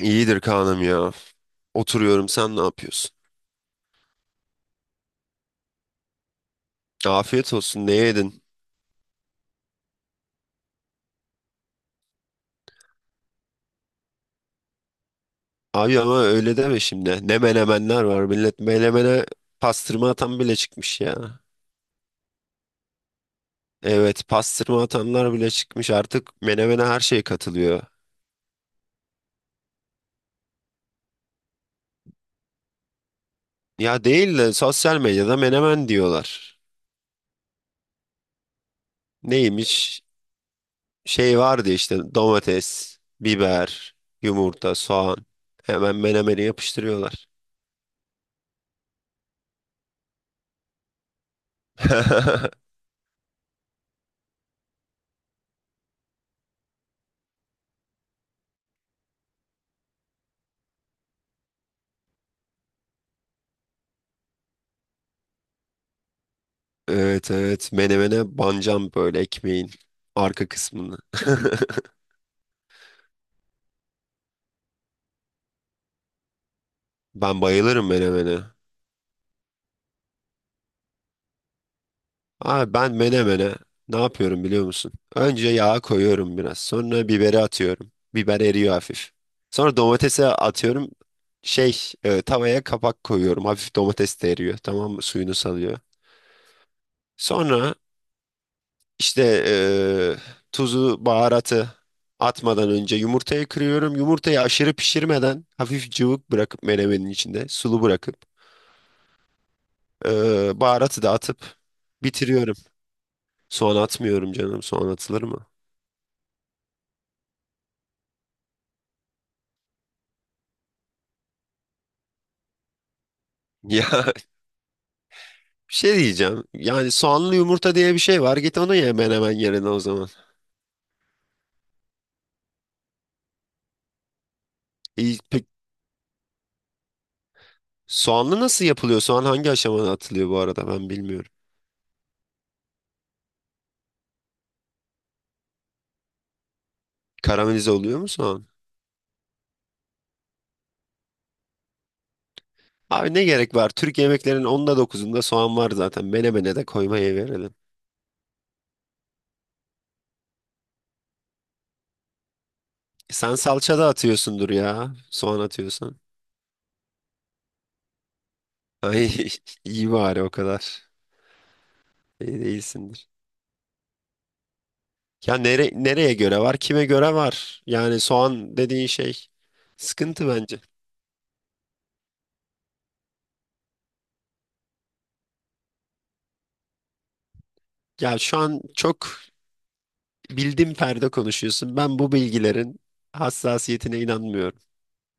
İyidir Kaan'ım ya. Oturuyorum, sen ne yapıyorsun? Afiyet olsun, ne yedin? Abi ama öyle deme şimdi. Ne menemenler var millet. Menemene pastırma atan bile çıkmış ya. Evet, pastırma atanlar bile çıkmış. Artık menemene her şey katılıyor. Ya değil de sosyal medyada menemen diyorlar. Neymiş? Şey vardı işte domates, biber, yumurta, soğan. Hemen menemeni yapıştırıyorlar. Evet evet, menemene bancam böyle ekmeğin arka kısmını. Ben bayılırım menemene. Abi ben menemene ne yapıyorum biliyor musun? Önce yağa koyuyorum biraz. Sonra biberi atıyorum. Biber eriyor hafif. Sonra domatese atıyorum. Tavaya kapak koyuyorum. Hafif domates de eriyor. Tamam mı? Suyunu salıyor. Sonra İşte tuzu, baharatı atmadan önce yumurtayı kırıyorum. Yumurtayı aşırı pişirmeden hafif cıvık bırakıp menemenin içinde sulu bırakıp baharatı da atıp bitiriyorum. Soğan atmıyorum canım. Soğan atılır mı? Ya bir şey diyeceğim. Yani soğanlı yumurta diye bir şey var. Git onu ye hemen hemen yerine o zaman. İyi, peki soğanlı nasıl yapılıyor? Soğan hangi aşamada atılıyor bu arada? Ben bilmiyorum. Karamelize oluyor mu soğan? Abi ne gerek var? Türk yemeklerinin onda dokuzunda soğan var zaten. Menemene de koymaya verelim. E sen salça da atıyorsundur ya. Soğan atıyorsan. Ay iyi bari o kadar. İyi değilsindir. Ya nereye göre var? Kime göre var? Yani soğan dediğin şey sıkıntı bence. Ya şu an çok bildim perde konuşuyorsun. Ben bu bilgilerin hassasiyetine inanmıyorum.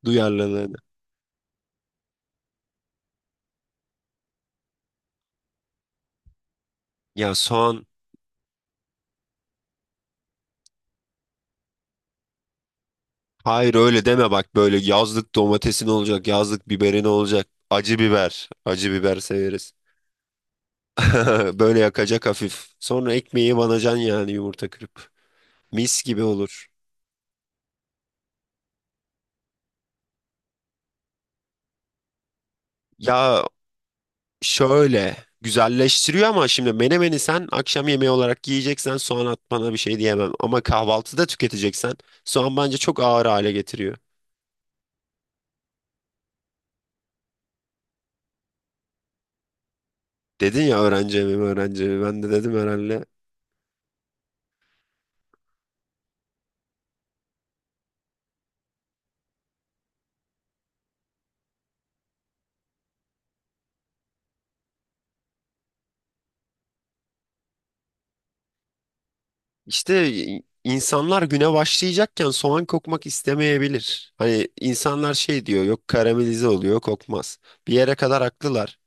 Duyarlılığına. Ya soğan Hayır, öyle deme bak, böyle yazlık domatesin olacak, yazlık biberin olacak. Acı biber, acı biber severiz. Böyle yakacak hafif. Sonra ekmeği banacan yani yumurta kırıp. Mis gibi olur. Ya şöyle güzelleştiriyor ama şimdi menemeni sen akşam yemeği olarak yiyeceksen soğan atmana bir şey diyemem. Ama kahvaltıda tüketeceksen soğan bence çok ağır hale getiriyor. Dedin ya öğrenci evi mi, öğrenci evi. Ben de dedim herhalde. İşte insanlar güne başlayacakken soğan kokmak istemeyebilir. Hani insanlar şey diyor yok karamelize oluyor kokmaz. Bir yere kadar haklılar.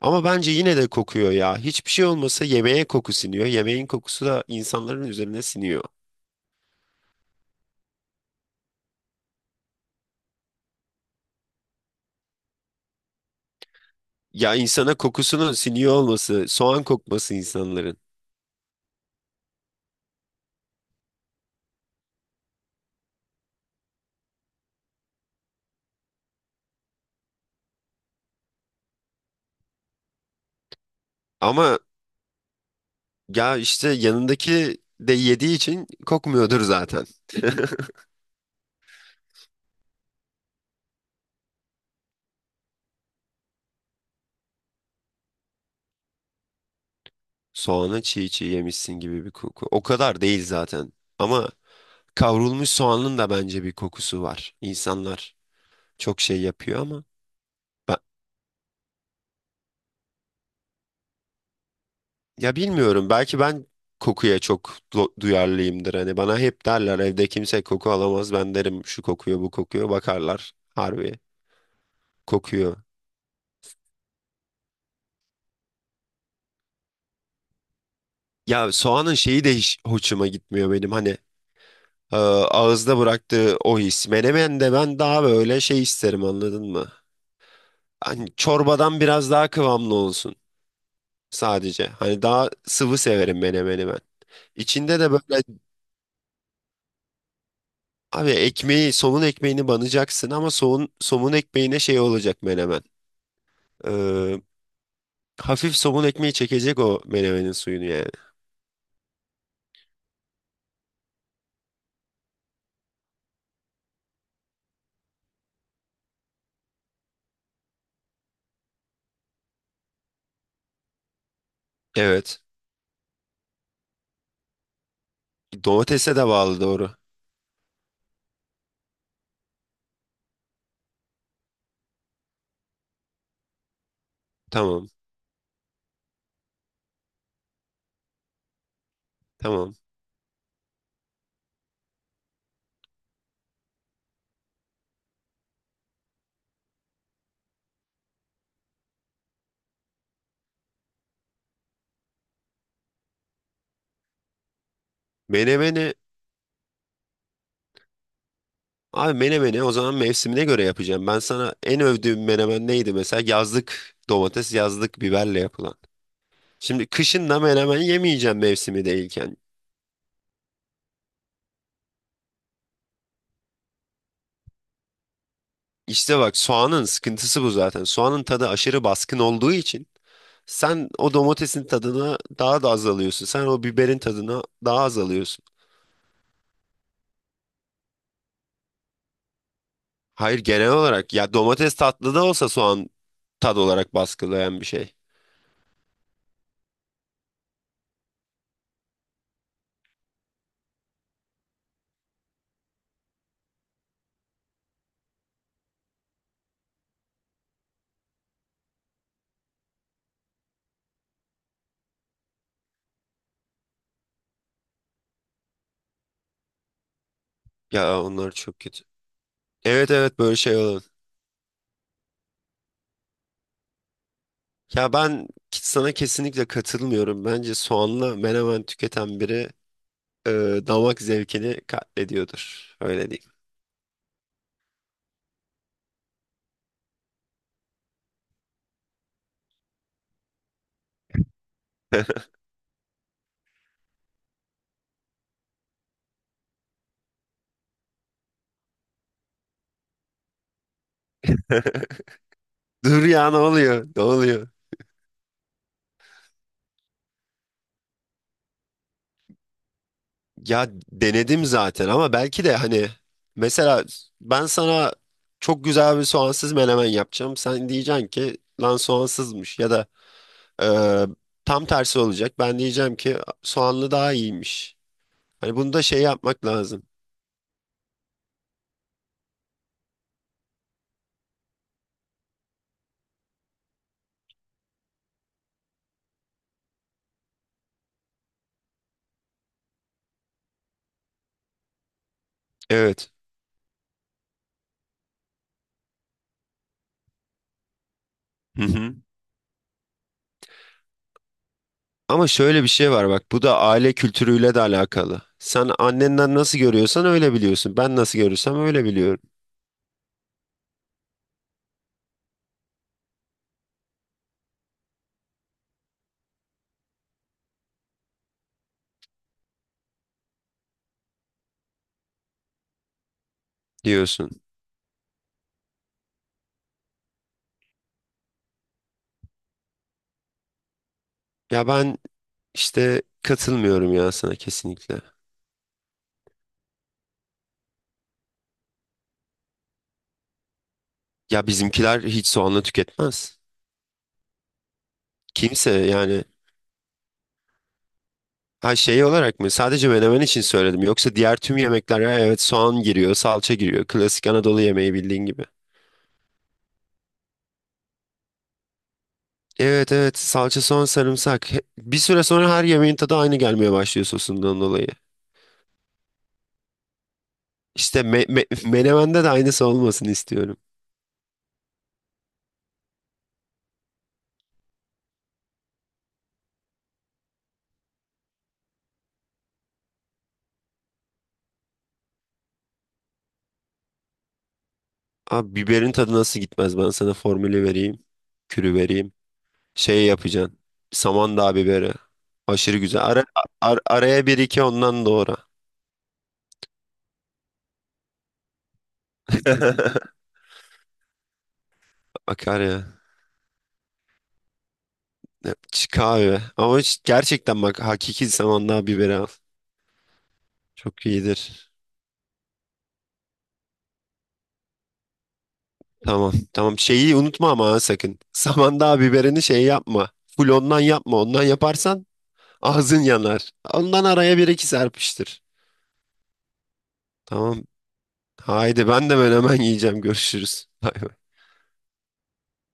Ama bence yine de kokuyor ya. Hiçbir şey olmasa yemeğe koku siniyor. Yemeğin kokusu da insanların üzerine siniyor. Ya insana kokusunun siniyor olması, soğan kokması insanların. Ama ya işte yanındaki de yediği için kokmuyordur zaten. Soğanı çiğ çiğ yemişsin gibi bir koku. O kadar değil zaten. Ama kavrulmuş soğanın da bence bir kokusu var. İnsanlar çok şey yapıyor ama ben, ya bilmiyorum belki ben kokuya çok duyarlıyımdır. Hani bana hep derler evde kimse koku alamaz, ben derim şu kokuyor bu kokuyor, bakarlar harbi kokuyor. Ya soğanın şeyi de hiç hoşuma gitmiyor benim, hani ağızda bıraktığı o his. Menemen de ben daha böyle şey isterim, anladın mı? Hani çorbadan biraz daha kıvamlı olsun sadece. Hani daha sıvı severim menemeni ben. İçinde de böyle Abi ekmeği, somun ekmeğini banacaksın ama somun, somun ekmeğine şey olacak menemen. Ee, hafif somun ekmeği çekecek o menemenin suyunu yani. Evet. Domatese de bağlı, doğru. Tamam. Tamam. Menemeni abi menemeni o zaman mevsimine göre yapacağım. Ben sana en övdüğüm menemen neydi mesela? Yazlık domates, yazlık biberle yapılan. Şimdi kışın da menemen yemeyeceğim mevsimi değilken. İşte bak, soğanın sıkıntısı bu zaten. Soğanın tadı aşırı baskın olduğu için sen o domatesin tadına daha da az alıyorsun. Sen o biberin tadına daha az alıyorsun. Hayır, genel olarak ya domates tatlı da olsa soğan tad olarak baskılayan bir şey. Ya onlar çok kötü. Evet evet, böyle şey olan. Ya ben sana kesinlikle katılmıyorum. Bence soğanla menemen tüketen biri e, damak zevkini katlediyordur. Öyle diyeyim. Dur ya, ne oluyor? Ne oluyor? Ya denedim zaten ama belki de hani mesela ben sana çok güzel bir soğansız menemen yapacağım. Sen diyeceksin ki lan soğansızmış, ya da e, tam tersi olacak. Ben diyeceğim ki soğanlı daha iyiymiş. Hani bunu da şey yapmak lazım. Evet. Hı hı. Ama şöyle bir şey var bak, bu da aile kültürüyle de alakalı. Sen annenden nasıl görüyorsan öyle biliyorsun. Ben nasıl görürsem öyle biliyorum diyorsun. Ya ben işte katılmıyorum ya sana, kesinlikle. Ya bizimkiler hiç soğanla tüketmez. Kimse yani, ha şey olarak mı? Sadece menemen için söyledim. Yoksa diğer tüm yemekler, ha, evet soğan giriyor, salça giriyor. Klasik Anadolu yemeği bildiğin gibi. Evet evet, salça, soğan, sarımsak. Bir süre sonra her yemeğin tadı aynı gelmeye başlıyor sosundan dolayı. İşte menemende de aynısı olmasını istiyorum. Abi biberin tadı nasıl gitmez? Ben sana formülü vereyim. Kürü vereyim. Şey yapacaksın. Samandağ biberi. Aşırı güzel. Araya bir iki ondan doğru. Akar ya. Kahve. Ama gerçekten bak, hakiki Samandağ biberi al. Çok iyidir. Tamam. Tamam. Şeyi unutma ama ha, sakın. Samandağ biberini şey yapma. Full ondan yapma. Ondan yaparsan ağzın yanar. Ondan araya bir iki serpiştir. Tamam. Haydi ben de ben hemen yiyeceğim. Görüşürüz. Bay bay.